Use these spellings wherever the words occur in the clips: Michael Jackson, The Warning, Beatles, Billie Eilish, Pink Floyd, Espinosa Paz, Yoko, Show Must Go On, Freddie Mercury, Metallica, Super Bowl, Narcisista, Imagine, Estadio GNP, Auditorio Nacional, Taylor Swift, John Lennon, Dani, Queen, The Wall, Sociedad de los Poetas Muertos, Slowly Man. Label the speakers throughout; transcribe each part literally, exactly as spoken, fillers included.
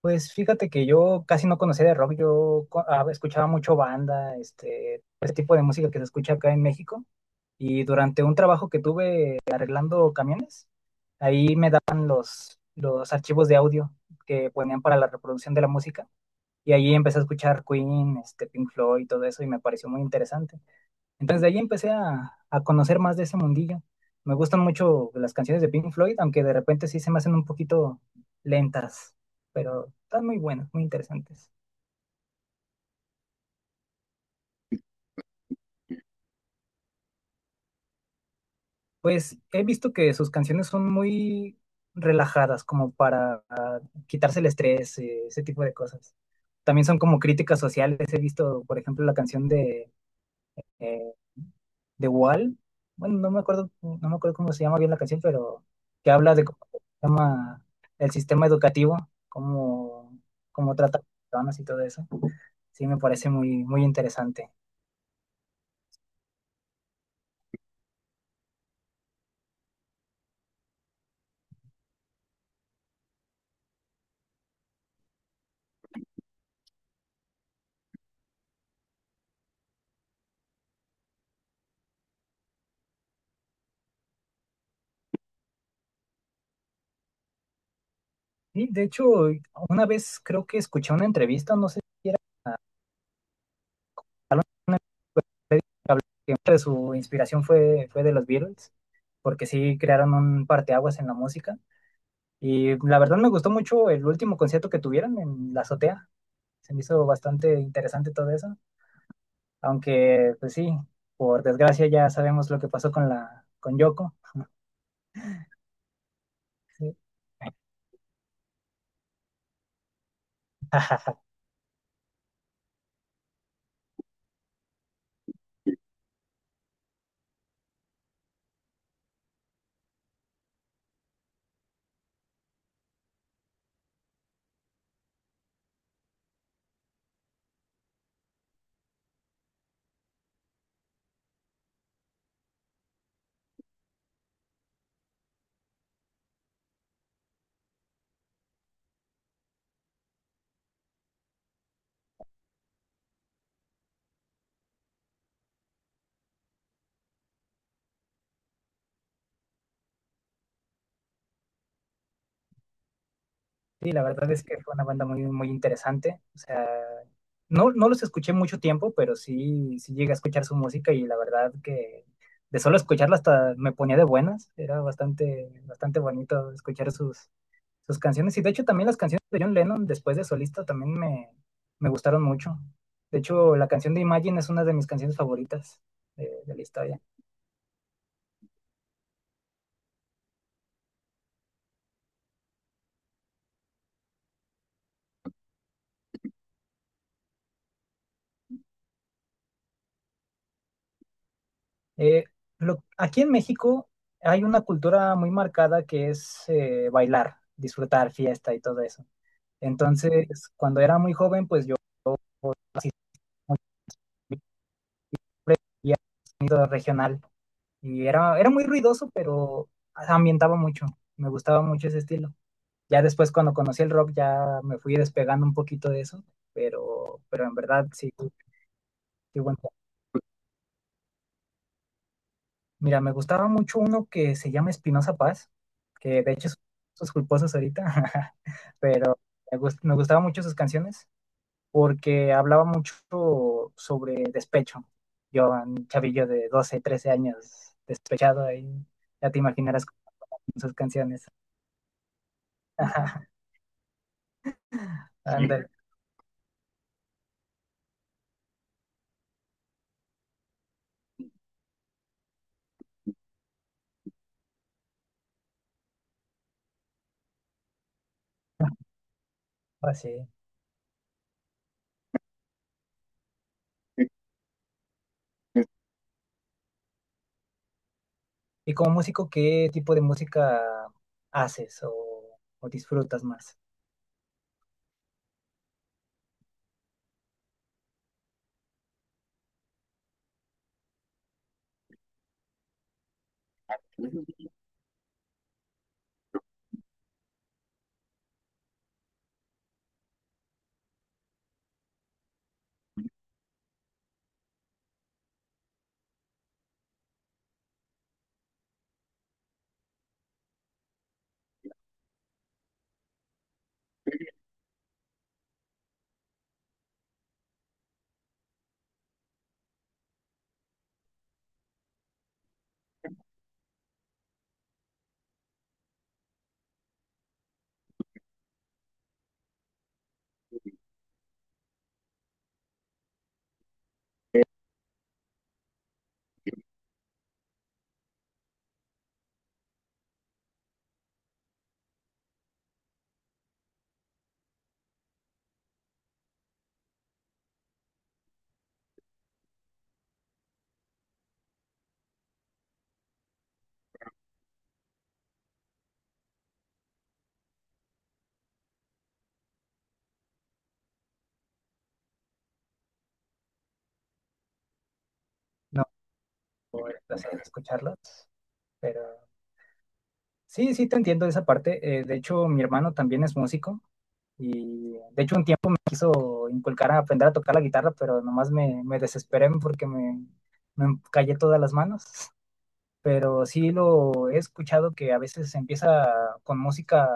Speaker 1: Pues fíjate que yo casi no conocía de rock, yo co- ah, escuchaba mucho banda, este, este tipo de música que se escucha acá en México. Y durante un trabajo que tuve arreglando camiones, ahí me daban los, los archivos de audio que ponían para la reproducción de la música. Y ahí empecé a escuchar Queen, este, Pink Floyd y todo eso, y me pareció muy interesante. Entonces de ahí empecé a, a conocer más de ese mundillo. Me gustan mucho las canciones de Pink Floyd, aunque de repente sí se me hacen un poquito lentas, pero están muy buenas, muy interesantes. Pues he visto que sus canciones son muy relajadas, como para ah, quitarse el estrés, eh, ese tipo de cosas. También son como críticas sociales. He visto, por ejemplo, la canción de eh, The Wall. Bueno, no me acuerdo, no me acuerdo cómo se llama bien la canción, pero que habla de cómo se llama el sistema educativo, cómo, cómo trata a las personas y todo eso. Sí, me parece muy, muy interesante. Sí, de hecho, una vez creo que escuché una entrevista, no sé si era una que hablaba que mucha de su inspiración fue, fue de los Beatles, porque sí crearon un parteaguas en la música. Y la verdad me gustó mucho el último concierto que tuvieron en la azotea. Se me hizo bastante interesante todo eso. Aunque, pues sí, por desgracia ya sabemos lo que pasó con la con Yoko. Sí. Sí, la verdad es que fue una banda muy, muy interesante. O sea, no, no los escuché mucho tiempo, pero sí, sí llegué a escuchar su música y la verdad que de solo escucharla hasta me ponía de buenas. Era bastante, bastante bonito escuchar sus, sus canciones. Y de hecho también las canciones de John Lennon después de solista también me, me gustaron mucho. De hecho, la canción de Imagine es una de mis canciones favoritas de, de la historia. Eh, lo- Aquí en México hay una cultura muy marcada que es eh, bailar, disfrutar, fiesta y todo eso. Entonces, cuando era muy joven, pues yo asistía a sonido regional y era, era muy ruidoso, pero ambientaba mucho. Me gustaba mucho ese estilo. Ya después, cuando conocí el rock, ya me fui despegando un poquito de eso, pero, pero en verdad sí, sí, bueno. Mira, me gustaba mucho uno que se llama Espinosa Paz, que de hecho es sus culposos ahorita, pero me gus- me gustaba mucho sus canciones porque hablaba mucho sobre despecho. Yo, un chavillo de doce, trece años, despechado ahí, ya te imaginarás con sus canciones. Ándale, así. ¿Y como músico, qué tipo de música haces o, o disfrutas más? No, por el placer de escucharlos, pero... Sí, sí, te entiendo de esa parte. Eh, de hecho, mi hermano también es músico y de hecho un tiempo me quiso inculcar a aprender a tocar la guitarra, pero nomás me, me desesperé porque me, me callé todas las manos. Pero sí lo he escuchado que a veces empieza con música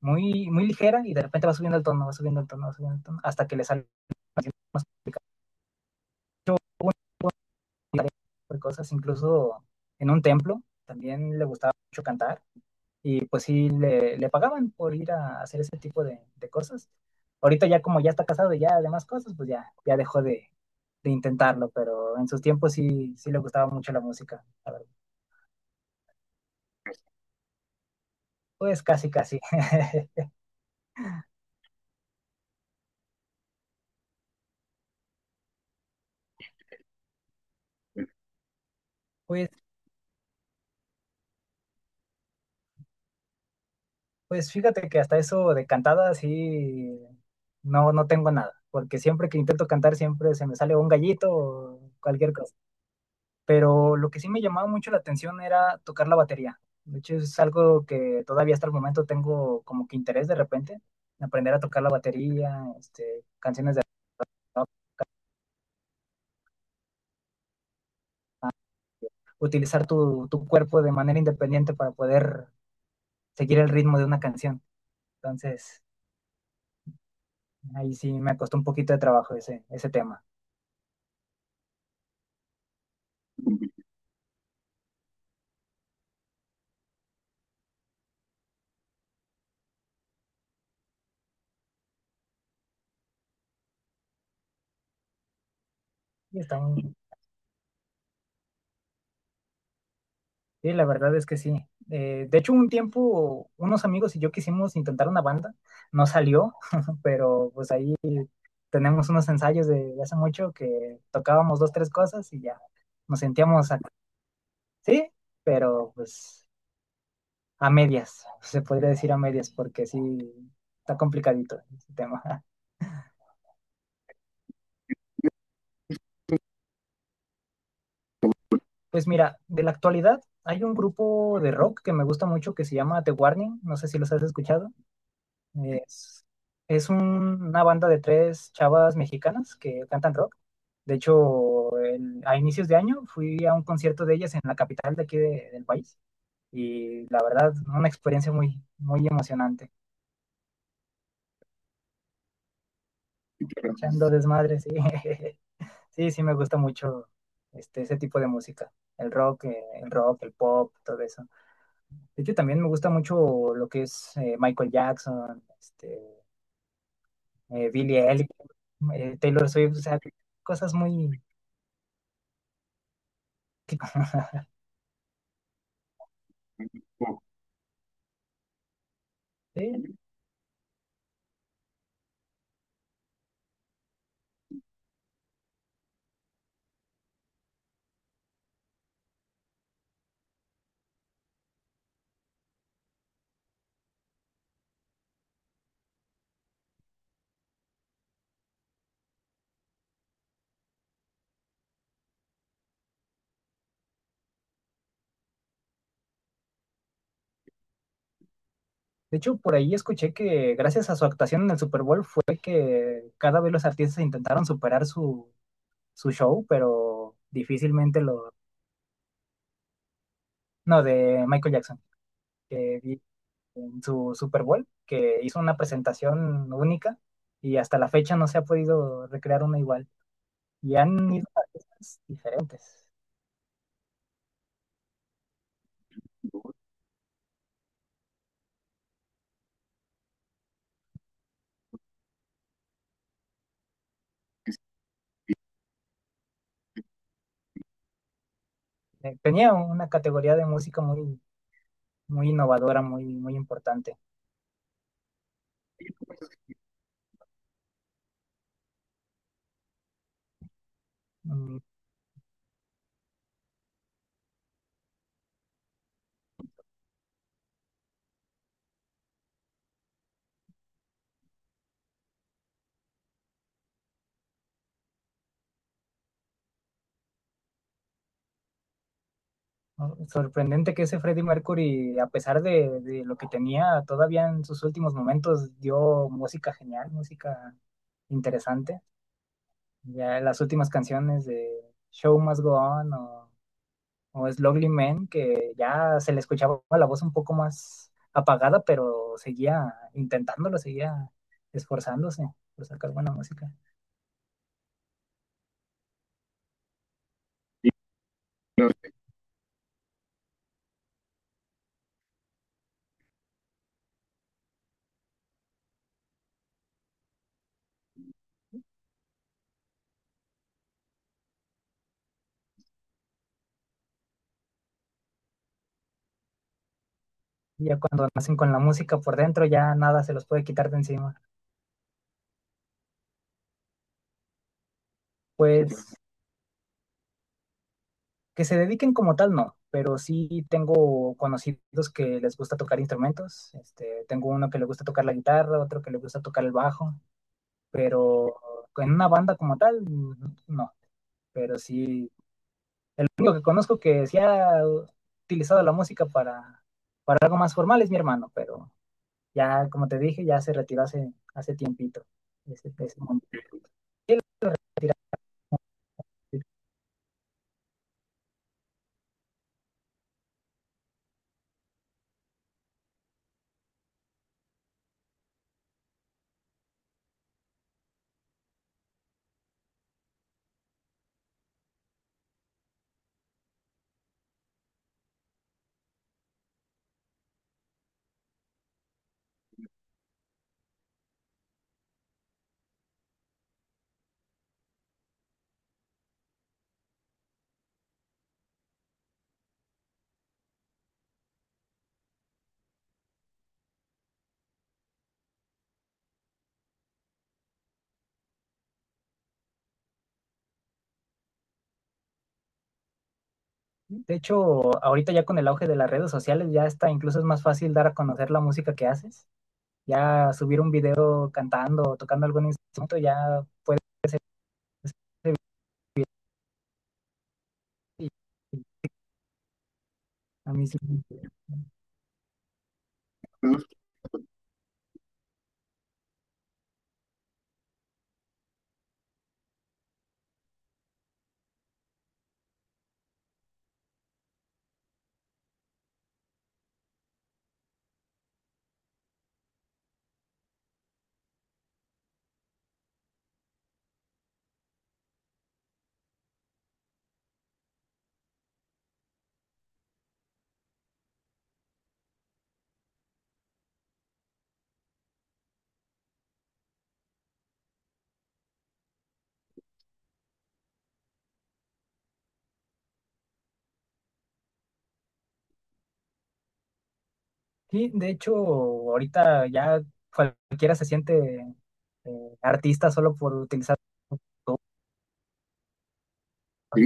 Speaker 1: muy, muy ligera y de repente va subiendo el tono, va subiendo el tono, va subiendo el tono, hasta que le sale más complicado. Cosas, incluso en un templo también le gustaba mucho cantar. Y pues sí, le, le pagaban por ir a hacer ese tipo de, de cosas. Ahorita ya como ya está casado y ya demás cosas, pues ya, ya dejó de, de intentarlo, pero en sus tiempos sí, sí le gustaba mucho la música. La verdad. Pues casi, casi. Pues, pues fíjate que hasta eso de cantada sí, no, no tengo nada, porque siempre que intento cantar siempre se me sale un gallito o cualquier cosa. Pero lo que sí me llamaba mucho la atención era tocar la batería. De hecho, es algo que todavía hasta el momento tengo como que interés de repente, en aprender a tocar la batería, este, canciones de rock, utilizar tu, tu cuerpo de manera independiente para poder seguir el ritmo de una canción. Entonces, ahí sí me costó un poquito de trabajo ese, ese tema. Y está muy- sí, la verdad es que sí. Eh, de hecho, un tiempo unos amigos y yo quisimos intentar una banda, no salió, pero pues ahí tenemos unos ensayos de, de hace mucho que tocábamos dos, tres cosas y ya nos sentíamos acá, sí, pero pues a medias, se podría decir a medias, porque sí está complicadito ese tema. Pues mira, de la actualidad hay un grupo de rock que me gusta mucho que se llama The Warning, no sé si los has escuchado. Es, es un- una banda de tres chavas mexicanas que cantan rock. De hecho, el- a inicios de año fui a un concierto de ellas en la capital de aquí de- del país y la verdad, una experiencia muy, muy emocionante. Echando desmadre, sí. Sí, sí me gusta mucho este, ese tipo de música. El rock, eh, el rock, el pop, todo eso. De hecho, también me gusta mucho lo que es eh, Michael Jackson, este, eh, Billie Eilish, eh, Taylor Swift, o sea, cosas muy... que- sí. De hecho, por ahí escuché que gracias a su actuación en el Super Bowl fue que cada vez los artistas intentaron superar su, su show, pero difícilmente lo... No, de Michael Jackson, que vi en su Super Bowl, que hizo una presentación única y hasta la fecha no se ha podido recrear una igual. Y han ido a artistas diferentes. Eh, Tenía una categoría de música muy, muy innovadora, muy, muy importante. Mm, ¿No? Sorprendente que ese Freddie Mercury, a pesar de, de lo que tenía, todavía en sus últimos momentos dio música genial, música interesante. Ya las últimas canciones de Show Must Go On o, o Slowly Man, que ya se le escuchaba la voz un poco más apagada, pero seguía intentándolo, seguía esforzándose por sacar buena música. Y los- Y Ya cuando nacen con la música por dentro, ya nada se los puede quitar de encima. Pues que se dediquen como tal, no, pero sí tengo conocidos que les gusta tocar instrumentos. Este, tengo uno que le gusta tocar la guitarra, otro que le gusta tocar el bajo. Pero en una banda como tal, no. Pero sí, lo que conozco que sí ha utilizado la música para, para algo más formal es mi hermano, pero ya, como te dije, ya se retiró hace, hace tiempito. Ese, ese momento. De hecho, ahorita ya con el auge de las redes sociales, ya está, incluso es más fácil dar a conocer la música que haces. Ya subir un video cantando o tocando algún instrumento, ya. Y a mí sí. Sí, de hecho, ahorita ya cualquiera se siente eh, artista solo por utilizar. Sí,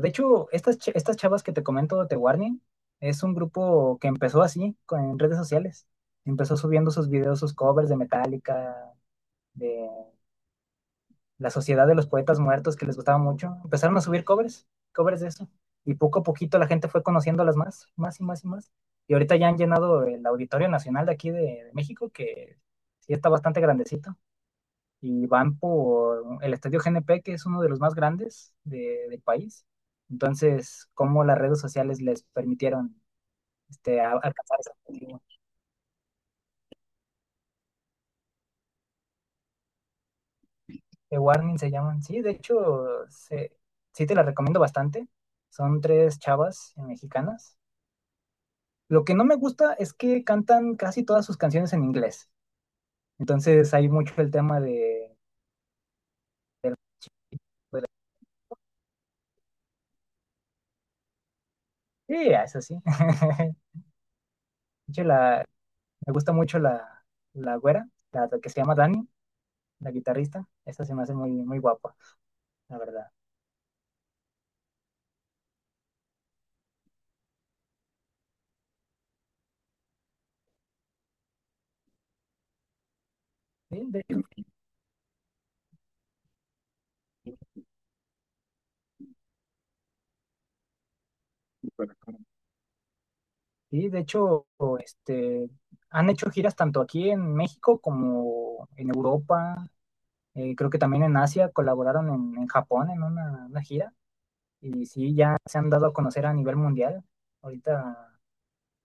Speaker 1: de hecho, estas, ch- estas chavas que te comento, The Warning, es un grupo que empezó así, con, en redes sociales. Empezó subiendo sus videos, sus covers de Metallica, la Sociedad de los Poetas Muertos, que les gustaba mucho, empezaron a subir covers, covers de eso. Y poco a poquito la gente fue conociéndolas más, más y más y más. Y ahorita ya han llenado el Auditorio Nacional de aquí de, de México, que sí está bastante grandecito. Y van por el Estadio G N P, que es uno de los más grandes de- del país. Entonces, ¿cómo las redes sociales les permitieron este, a- alcanzar ese objetivo? The Warning se llaman. Sí, de hecho, se- sí te las recomiendo bastante. Son tres chavas eh, mexicanas. Lo que no me gusta es que cantan casi todas sus canciones en inglés. Entonces hay mucho el tema de... de- Sí, es así. De hecho, la, me gusta mucho la, la güera, la, la que se llama Dani, la guitarrista. Esta se me hace muy, muy guapa, la verdad. Sí, de, sí, de hecho, este, han hecho giras tanto aquí en México como en Europa. Eh, creo que también en Asia colaboraron en, en Japón en una una gira. Y sí, ya se han dado a conocer a nivel mundial. Ahorita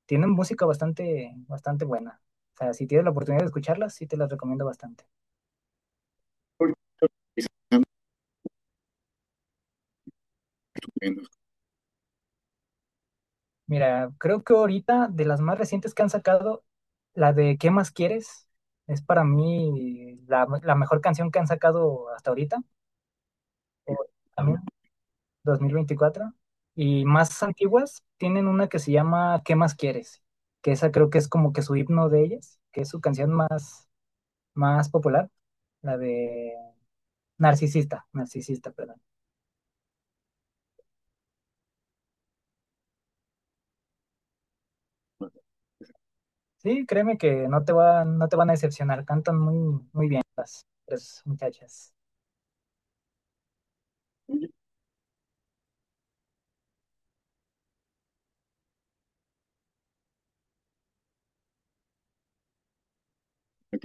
Speaker 1: tienen música bastante, bastante buena. O sea, si tienes la oportunidad de escucharlas, sí te las recomiendo bastante. Porque es tremendo. Mira, creo que ahorita de las más recientes que han sacado, la de ¿Qué más quieres? Es para mí la, la mejor canción que han sacado hasta ahorita, o también dos mil veinticuatro. Y más antiguas tienen una que se llama ¿Qué más quieres? Que esa creo que es como que su himno de ellas, que es su canción más, más popular, la de Narcisista, Narcisista, perdón. Sí, créeme que no te va, no te van a decepcionar, cantan muy, muy bien las tres muchachas. Ok.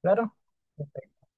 Speaker 1: Claro. Perfecto.